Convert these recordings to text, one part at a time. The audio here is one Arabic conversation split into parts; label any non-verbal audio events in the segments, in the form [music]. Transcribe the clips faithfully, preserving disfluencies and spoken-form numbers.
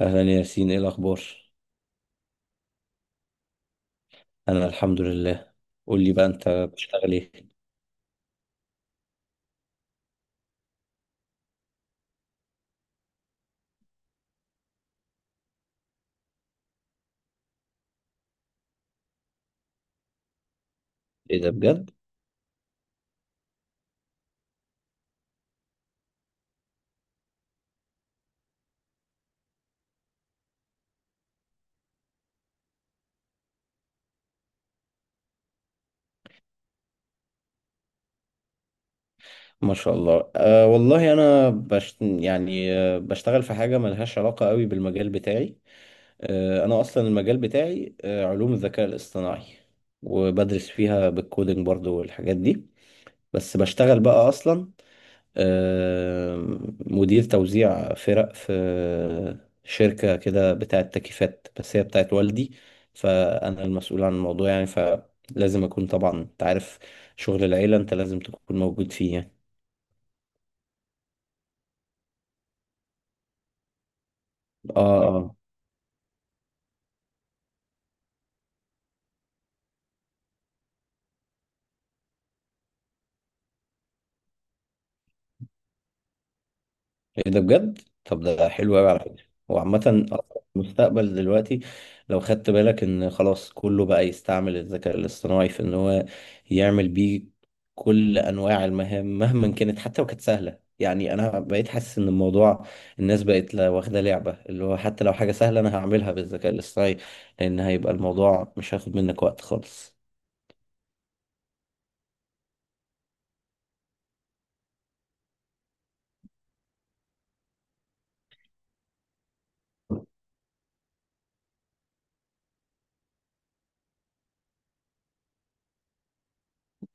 أهلا ياسين إيه الأخبار؟ أنا الحمد لله. قول لي بقى أنت بتشتغل إيه؟ إيه ده بجد؟ ما شاء الله. أه والله أنا بشت... يعني آه، بشتغل في حاجة ملهاش علاقة قوي بالمجال بتاعي. أه أنا أصلا المجال بتاعي أه علوم الذكاء الاصطناعي، وبدرس فيها بالكودينج برضو والحاجات دي، بس بشتغل بقى أصلا آم، مدير توزيع فرق في شركة كده بتاعت تكييفات، بس هي بتاعت والدي، فأنا المسؤول عن الموضوع يعني، فلازم أكون طبعا أنت عارف شغل العيلة أنت لازم تكون موجود فيه يعني. آه، آه، ايه ده بجد؟ طب ده حلو قوي على فكره. هو عامه أصلاً المستقبل دلوقتي، لو خدت بالك ان خلاص كله بقى يستعمل الذكاء الاصطناعي في ان هو يعمل بيه كل انواع المهام مهما كانت، حتى لو كانت سهله. يعني انا بقيت حاسس ان الموضوع الناس بقت لا- واخده لعبه اللي هو حتى لو حاجه سهله انا هعملها بالذكاء الاصطناعي، لان هيبقى الموضوع مش هياخد منك وقت خالص.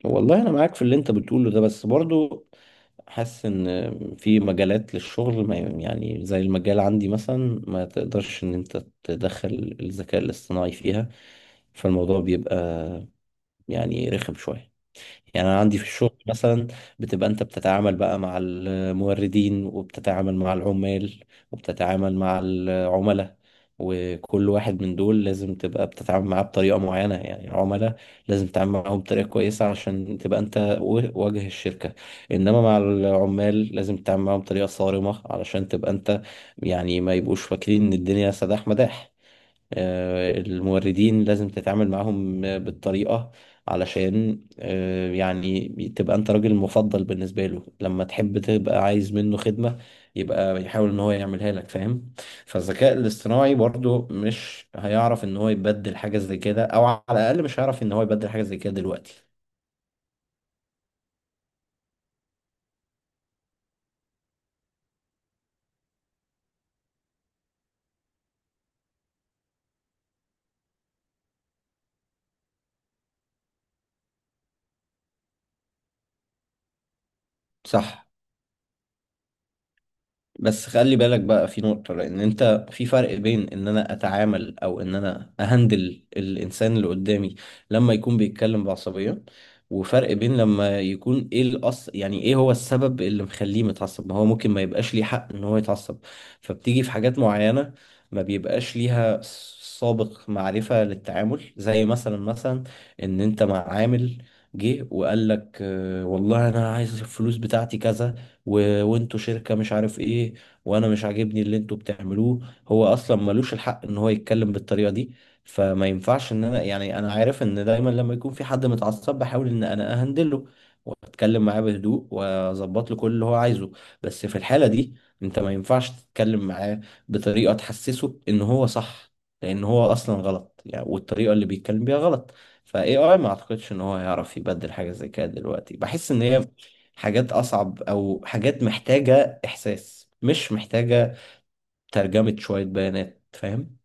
والله انا معاك في اللي انت بتقوله ده، بس برضو حاسس ان في مجالات للشغل ما يعني، زي المجال عندي مثلا ما تقدرش ان انت تدخل الذكاء الاصطناعي فيها، فالموضوع بيبقى يعني رخم شوية. يعني أنا عندي في الشغل مثلا، بتبقى أنت بتتعامل بقى مع الموردين، وبتتعامل مع العمال، وبتتعامل مع العملاء، وكل واحد من دول لازم تبقى بتتعامل معاه بطريقة معينة. يعني العملاء لازم تتعامل معاهم بطريقة كويسة عشان تبقى أنت و- وجه الشركة، إنما مع العمال لازم تتعامل معاهم بطريقة صارمة علشان تبقى أنت يعني ما يبقوش فاكرين إن الدنيا سداح مداح. آه، الموردين لازم تتعامل معاهم آه، بالطريقة علشان آه، يعني تبقى انت راجل مفضل بالنسبة له، لما تحب تبقى عايز منه خدمة يبقى يحاول ان هو يعملها لك، فاهم؟ فالذكاء الاصطناعي برضو مش هيعرف ان هو يبدل حاجة زي كده، او على الاقل مش هيعرف ان هو يبدل حاجة زي كده دلوقتي. صح، بس خلي بالك بقى في نقطة، لأن أنت في فرق بين إن أنا أتعامل أو إن أنا أهندل الإنسان اللي قدامي لما يكون بيتكلم بعصبية، وفرق بين لما يكون إيه الأصل، يعني إيه هو السبب اللي مخليه متعصب. ما هو ممكن ما يبقاش ليه حق إن هو يتعصب، فبتيجي في حاجات معينة ما بيبقاش ليها سابق معرفة للتعامل. زي مثلا مثلا إن أنت مع عامل جه وقال لك آه، والله أنا عايز الفلوس بتاعتي كذا و... وانتوا شركة مش عارف ايه، وانا مش عاجبني اللي انتوا بتعملوه. هو اصلا ملوش الحق ان هو يتكلم بالطريقة دي، فما ينفعش ان انا يعني، انا عارف ان دايما لما يكون في حد متعصب بحاول ان انا اهندله واتكلم معاه بهدوء واظبط له كل اللي هو عايزه، بس في الحالة دي انت ما ينفعش تتكلم معاه بطريقة تحسسه ان هو صح، لان هو اصلا غلط يعني، والطريقة اللي بيتكلم بيها غلط. فاي اي ما اعتقدش ان هو هيعرف يبدل حاجه زي كده دلوقتي، بحس ان هي حاجات أصعب، أو حاجات محتاجة إحساس، مش محتاجة ترجمة شوية بيانات، فاهم؟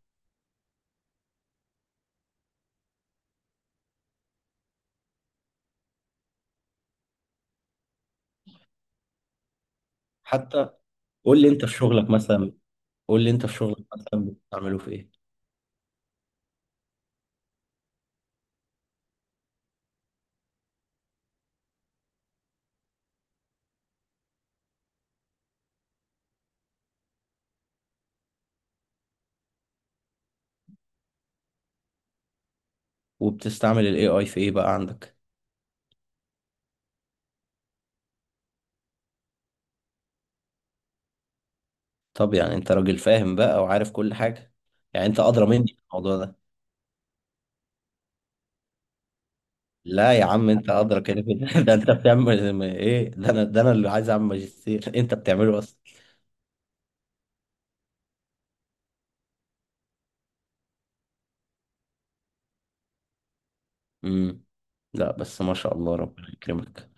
حتى قول لي أنت في شغلك مثلا، قول لي أنت في شغلك مثلا بتستعمله في إيه؟ وبتستعمل ال إيه آي في إيه بقى عندك؟ طب يعني أنت راجل فاهم بقى وعارف كل حاجة، يعني أنت أدرى مني في الموضوع ده. لا يا عم أنت أدرى كده كده، [laughs] ده أنت بتعمل إيه؟ ده أنا ده أنا اللي عايز أعمل ماجستير، [laughs] أنت بتعمله أصلا. امم، لا بس ما شاء الله ربنا يكرمك.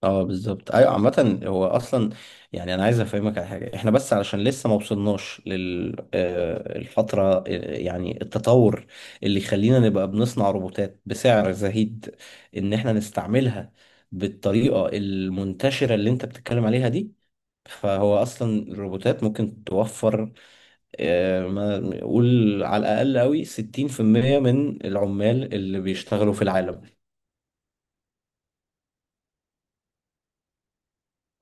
اه بالظبط، ايوه عامة هو اصلا يعني انا عايز افهمك على حاجة، احنا بس علشان لسه ما وصلناش للفترة يعني التطور اللي يخلينا نبقى بنصنع روبوتات بسعر زهيد ان احنا نستعملها بالطريقة المنتشرة اللي انت بتتكلم عليها دي، فهو اصلا الروبوتات ممكن توفر آه، ما نقول على الاقل قوي ستين في المية من العمال اللي بيشتغلوا في العالم.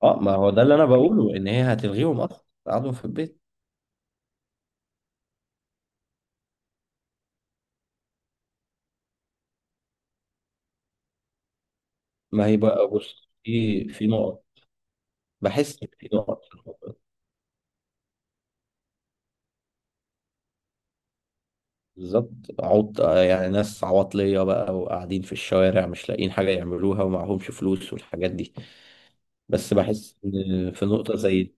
اه ما هو ده اللي انا بقوله، ان هي هتلغيهم اصلا قعدوا في البيت. ما هي بقى بص، في في نقط، بحس إن في نقط في الموضوع. ده. بالظبط، عط يعني ناس عواطلية بقى وقاعدين في الشوارع مش لاقيين حاجة يعملوها ومعهمش فلوس والحاجات دي. بس بحس إن في نقطة زي دي.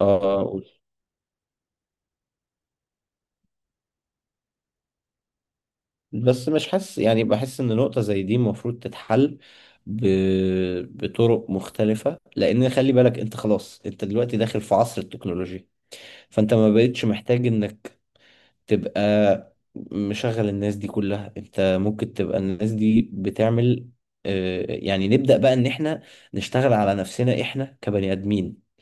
اه، آه، قول. بس مش حاسس، يعني بحس إن نقطة زي دي المفروض تتحل ب... بطرق مختلفة، لأن خلي بالك أنت خلاص أنت دلوقتي داخل في عصر التكنولوجيا، فأنت ما بقتش محتاج إنك تبقى مشغل الناس دي كلها. انت ممكن تبقى الناس دي بتعمل آه، يعني نبدأ بقى ان احنا نشتغل على نفسنا احنا كبني ادمين،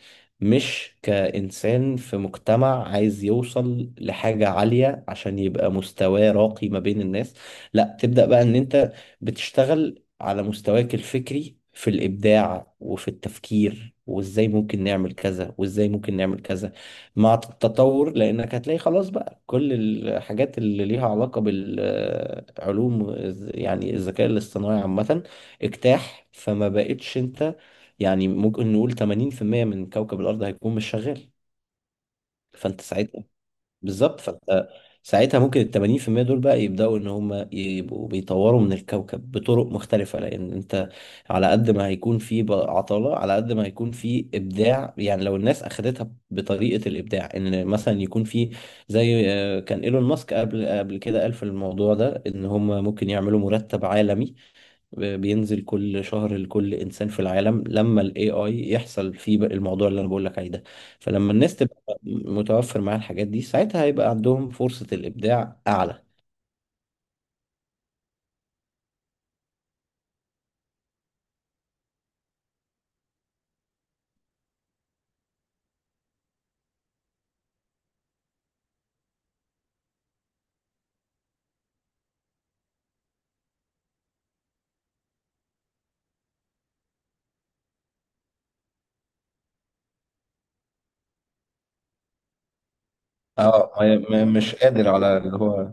مش كإنسان في مجتمع عايز يوصل لحاجة عالية عشان يبقى مستواه راقي ما بين الناس. لا، تبدأ بقى ان انت بتشتغل على مستواك الفكري في الإبداع وفي التفكير، وازاي ممكن نعمل كذا وازاي ممكن نعمل كذا مع التطور، لانك هتلاقي خلاص بقى كل الحاجات اللي ليها علاقة بالعلوم، يعني الذكاء الاصطناعي عامة اجتاح، فما بقتش انت يعني، ممكن نقول ثمانين في المية من كوكب الأرض هيكون مش شغال. فأنت ساعتها بالظبط، فأنت ساعتها ممكن ال ثمانين في المية دول بقى يبدأوا إن هم يبقوا بيطوروا من الكوكب بطرق مختلفة، لأن أنت على قد ما هيكون في بقى عطالة على قد ما هيكون في إبداع. يعني لو الناس أخدتها بطريقة الإبداع، إن مثلا يكون في زي آه، كان إيلون ماسك قبل قبل كده قال في الموضوع ده، إن هم ممكن يعملوا مرتب عالمي بينزل كل شهر لكل انسان في العالم لما الاي اي يحصل فيه بقى الموضوع اللي انا بقول لك عليه ده. فلما الناس تبقى متوفر معاها الحاجات دي، ساعتها هيبقى عندهم فرصة الابداع اعلى. اه ما- ما- مش قادر على اللي هو.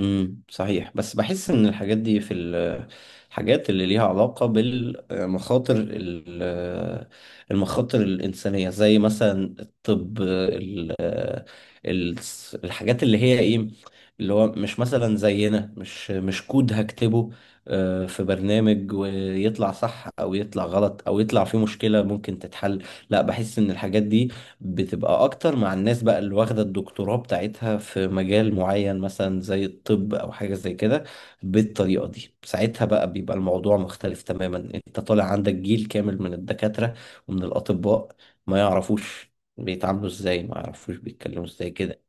امم صحيح، بس بحس ان الحاجات دي في ال- الحاجات اللي ليها علاقة بالمخاطر ال- المخاطر الإنسانية، زي مثلا الطب ال- ال- الحاجات اللي هي ايه، اللي هو مش مثلا زينا، مش مش كود هكتبه آه، في برنامج ويطلع صح او يطلع غلط او يطلع فيه مشكلة ممكن تتحل. لا، بحس ان الحاجات دي بتبقى اكتر مع الناس بقى اللي واخده الدكتوراه بتاعتها في مجال معين، مثلا زي الطب او حاجه زي كده. بالطريقه دي ساعتها بقى بيبقى الموضوع مختلف تماما، انت طالع عندك جيل كامل من الدكاتره ومن الاطباء ما يعرفوش بيتعاملوا ازاي، ما يعرفوش بيتكلموا ازاي كده.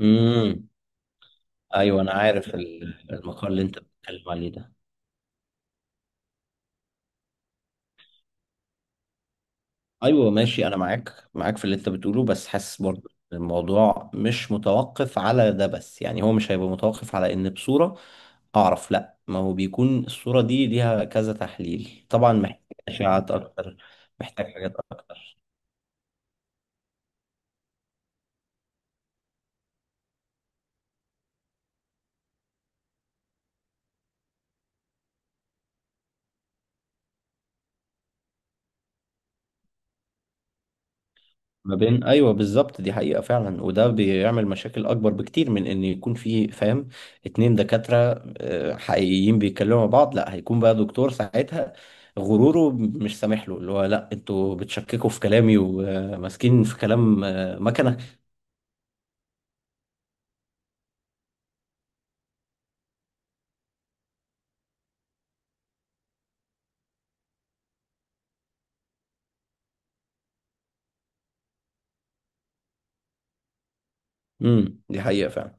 امم، ايوه انا عارف ال- المقال اللي انت بتتكلم عليه ده. ايوه ماشي، انا معاك معاك في اللي انت بتقوله، بس حاسس برضه إن الموضوع مش متوقف على ده بس. يعني هو مش هيبقى متوقف على ان بصوره اعرف؟ لا، ما هو بيكون الصورة دي ليها كذا تحليل، طبعا محتاج اشعاعات اكتر، محتاج حاجات اكتر. ما بين ايوه بالظبط، دي حقيقة فعلا، وده بيعمل مشاكل اكبر بكتير من ان يكون في، فاهم، اتنين دكاترة آه، حقيقيين بيتكلموا مع بعض. لا، هيكون بقى دكتور ساعتها غروره مش سامح له، اللي هو لا انتوا بتشككوا في كلامي وماسكين في كلام آه، مكنة. امم دي حقيقة فعلا.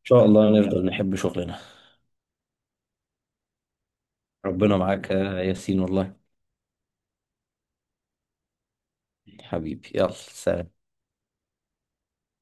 ان شاء الله نفضل نحب شغلنا. ربنا معاك يا ياسين والله. حبيبي يلا سلام.